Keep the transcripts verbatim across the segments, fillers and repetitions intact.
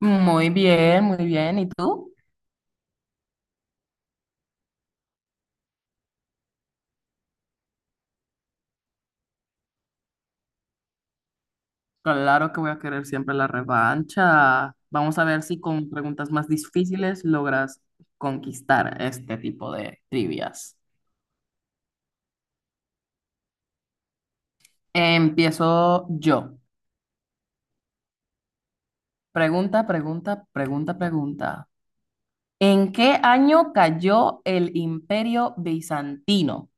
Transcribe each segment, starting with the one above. Muy bien, muy bien. ¿Y tú? Claro que voy a querer siempre la revancha. Vamos a ver si con preguntas más difíciles logras conquistar este tipo de trivias. Empiezo yo. Pregunta, pregunta, pregunta, pregunta. ¿En qué año cayó el Imperio Bizantino?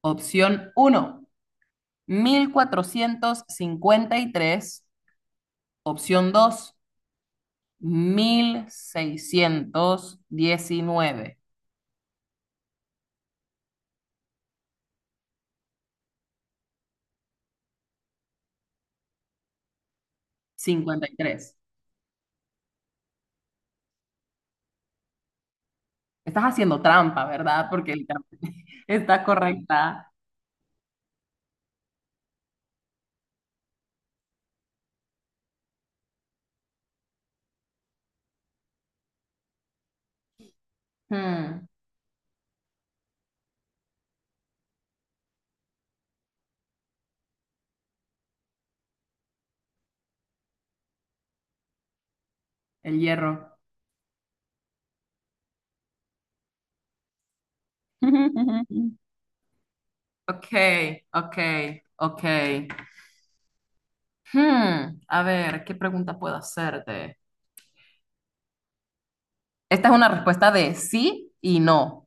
Opción uno: mil cuatrocientos cincuenta y tres. Opción dos: mil seiscientos diecinueve. Cincuenta y tres. Estás haciendo trampa, ¿verdad? Porque el cam- está correcta. Hmm, el hierro. Ok, ok, ok. Hmm, a ver, ¿qué pregunta puedo hacerte? Esta es una respuesta de sí y no.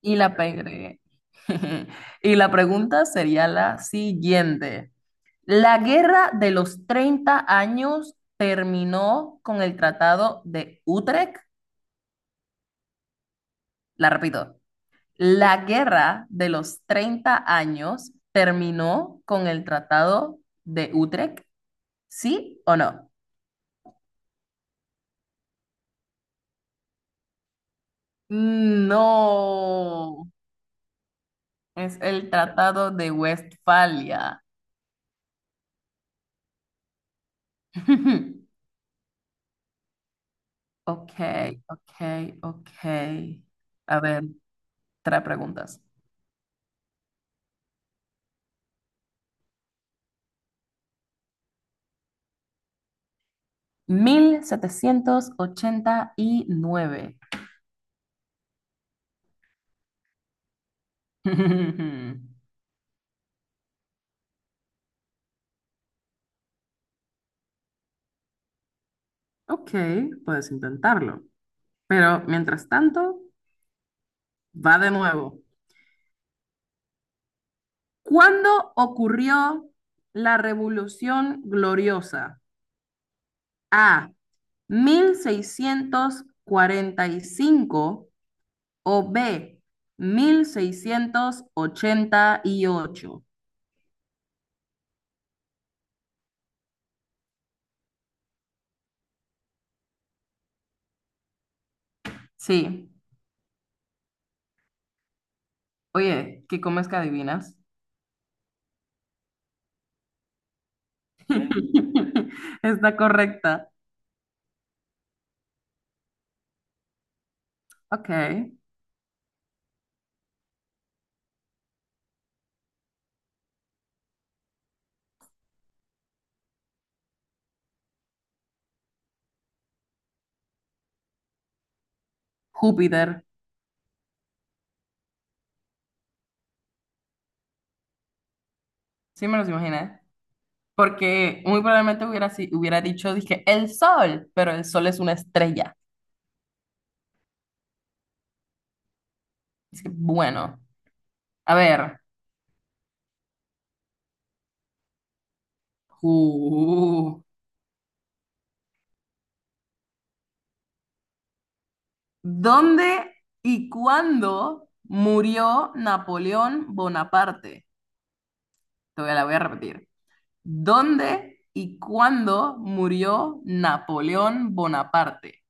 Y la pegué. Y la pregunta sería la siguiente. ¿La guerra de los treinta años terminó con el Tratado de Utrecht? La repito. La guerra de los treinta años terminó con el Tratado de Utrecht, ¿sí o no? No, es el Tratado de Westfalia. Ok, ok, ok. A ver, tres preguntas. Mil setecientos ochenta y nueve. Ok, puedes intentarlo. Pero mientras tanto, va de nuevo. ¿Cuándo ocurrió la Revolución Gloriosa? A: mil seiscientos cuarenta y cinco, o B: mil seiscientos ochenta y ocho. Sí. Oye, ¿qué comes que adivinas? Está correcta. Ok. Júpiter. Sí me los imaginé. Porque muy probablemente hubiera, si- hubiera dicho, dije, el sol, pero el sol es una estrella. Así que, bueno, a ver. Q. ¿Dónde y cuándo murió Napoleón Bonaparte? Te voy- la voy a repetir. ¿Dónde y cuándo murió Napoleón Bonaparte?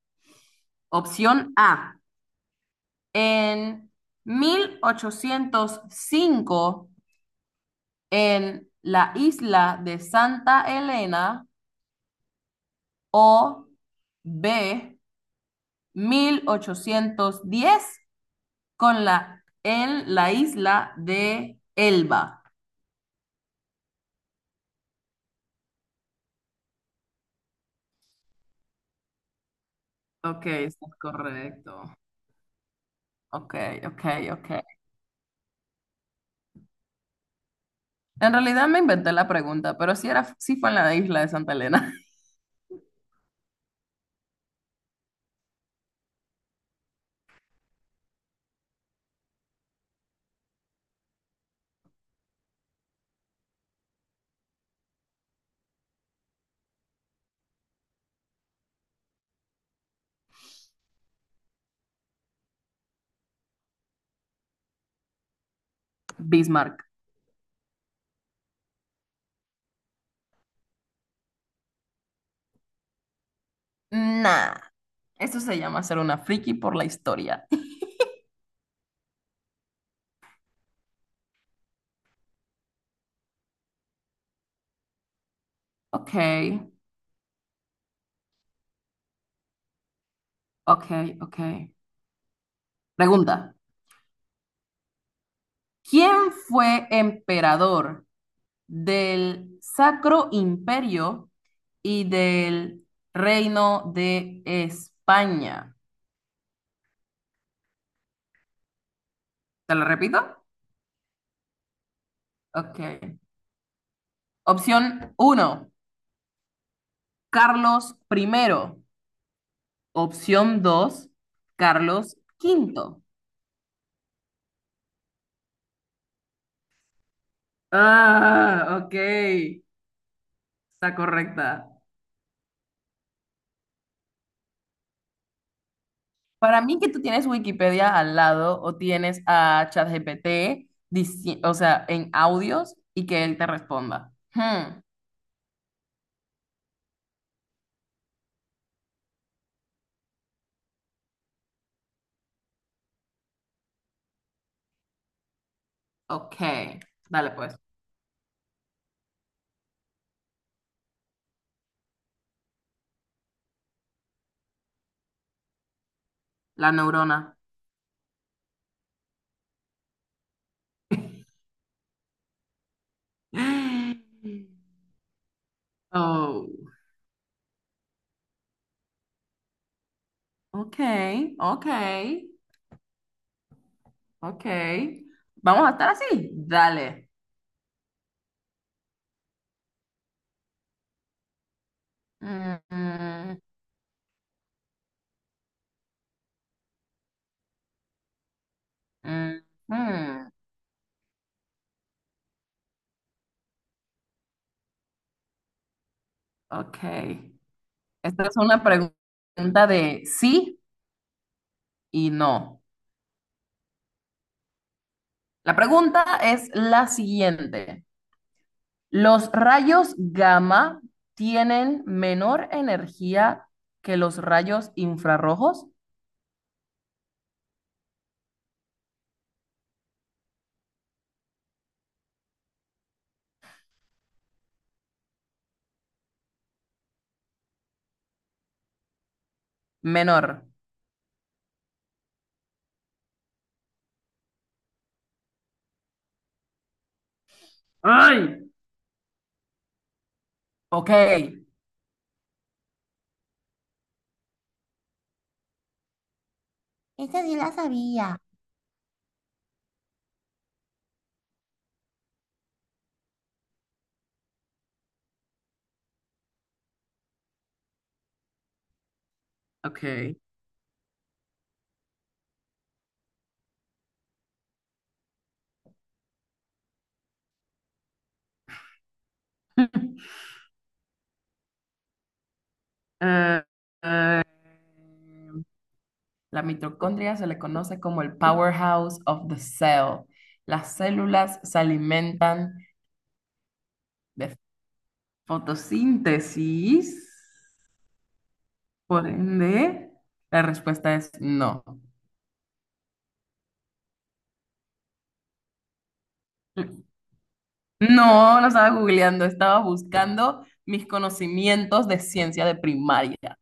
Opción A, en mil ochocientos cinco en la isla de Santa Elena, o B, mil ochocientos diez con la, en la isla de Elba. Ok, está correcto. Ok, ok, ok. En realidad me inventé la pregunta, pero sí era, sí fue en la isla de Santa Elena. Bismarck. Nah, eso se llama ser una friki por la historia. Ok, ok, ok. Pregunta. ¿Quién fue emperador del Sacro Imperio y del Reino de España? ¿Te lo repito? Ok. Opción uno, Carlos primero. Opción dos, Carlos quinto. Ah, ok. Está correcta. Para mí que tú tienes Wikipedia al lado o tienes a ChatGPT, dici- o sea, en audios y que él te responda. Hmm, ok. Dale pues. La neurona. Oh, ok, ok, ok. Vamos a estar así. Dale. Mm, mm, mm, mm. Ok. Esta es una pregunta de sí y no. La pregunta es la siguiente. ¿Los rayos gamma tienen menor energía que los rayos infrarrojos? Menor. ¡Ay! Ok. Esta sí la sabía. Ok. Eh, eh, la mitocondria se le conoce como el powerhouse of the cell. Las células se alimentan de fotosíntesis, por ende, la respuesta es no. No, no estaba googleando, estaba buscando mis conocimientos de ciencia de primaria.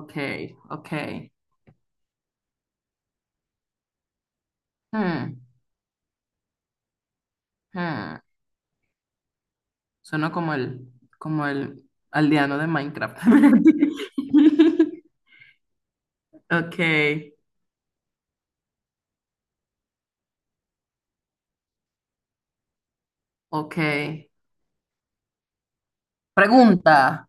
Ok, ok. Hmm, hmm. Suena como el, como el aldeano de Minecraft. Ok, ok. Pregunta,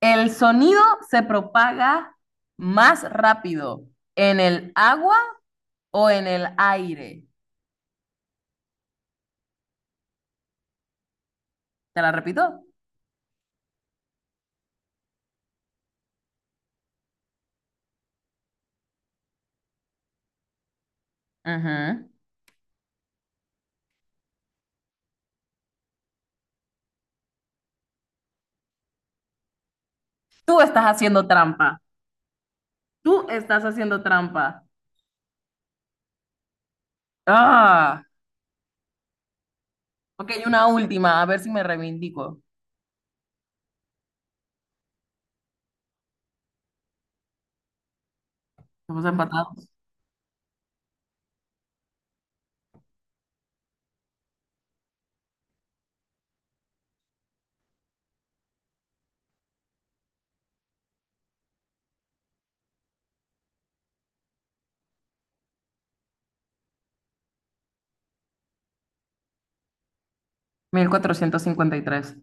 ¿el sonido se propaga más rápido en el agua o en el aire? ¿Te la repito? Ujú. Tú estás haciendo trampa. Tú estás haciendo trampa. Ah, ok, una última, a ver si me reivindico. Estamos empatados. Mil cuatrocientos cincuenta y tres.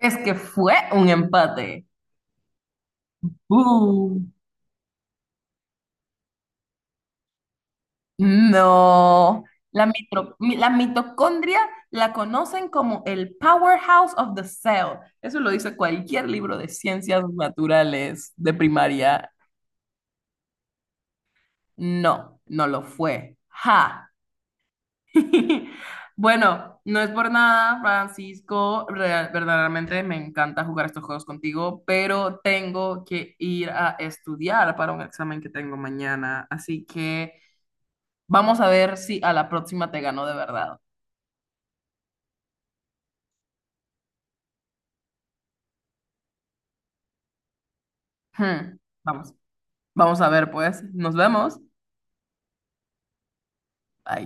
Es que fue un empate. Uh. No, la, mitro- mi- la mitocondria la conocen como el powerhouse of the cell. Eso lo dice cualquier libro de ciencias naturales de primaria. No, no lo fue. Ja. Bueno, no es por nada, Francisco. Real- verdaderamente me encanta jugar estos juegos contigo, pero tengo que ir a estudiar para un examen que tengo mañana. Así que vamos a ver si a la próxima te gano de verdad. Hmm, Vamos, vamos a ver, pues. Nos vemos. Bye.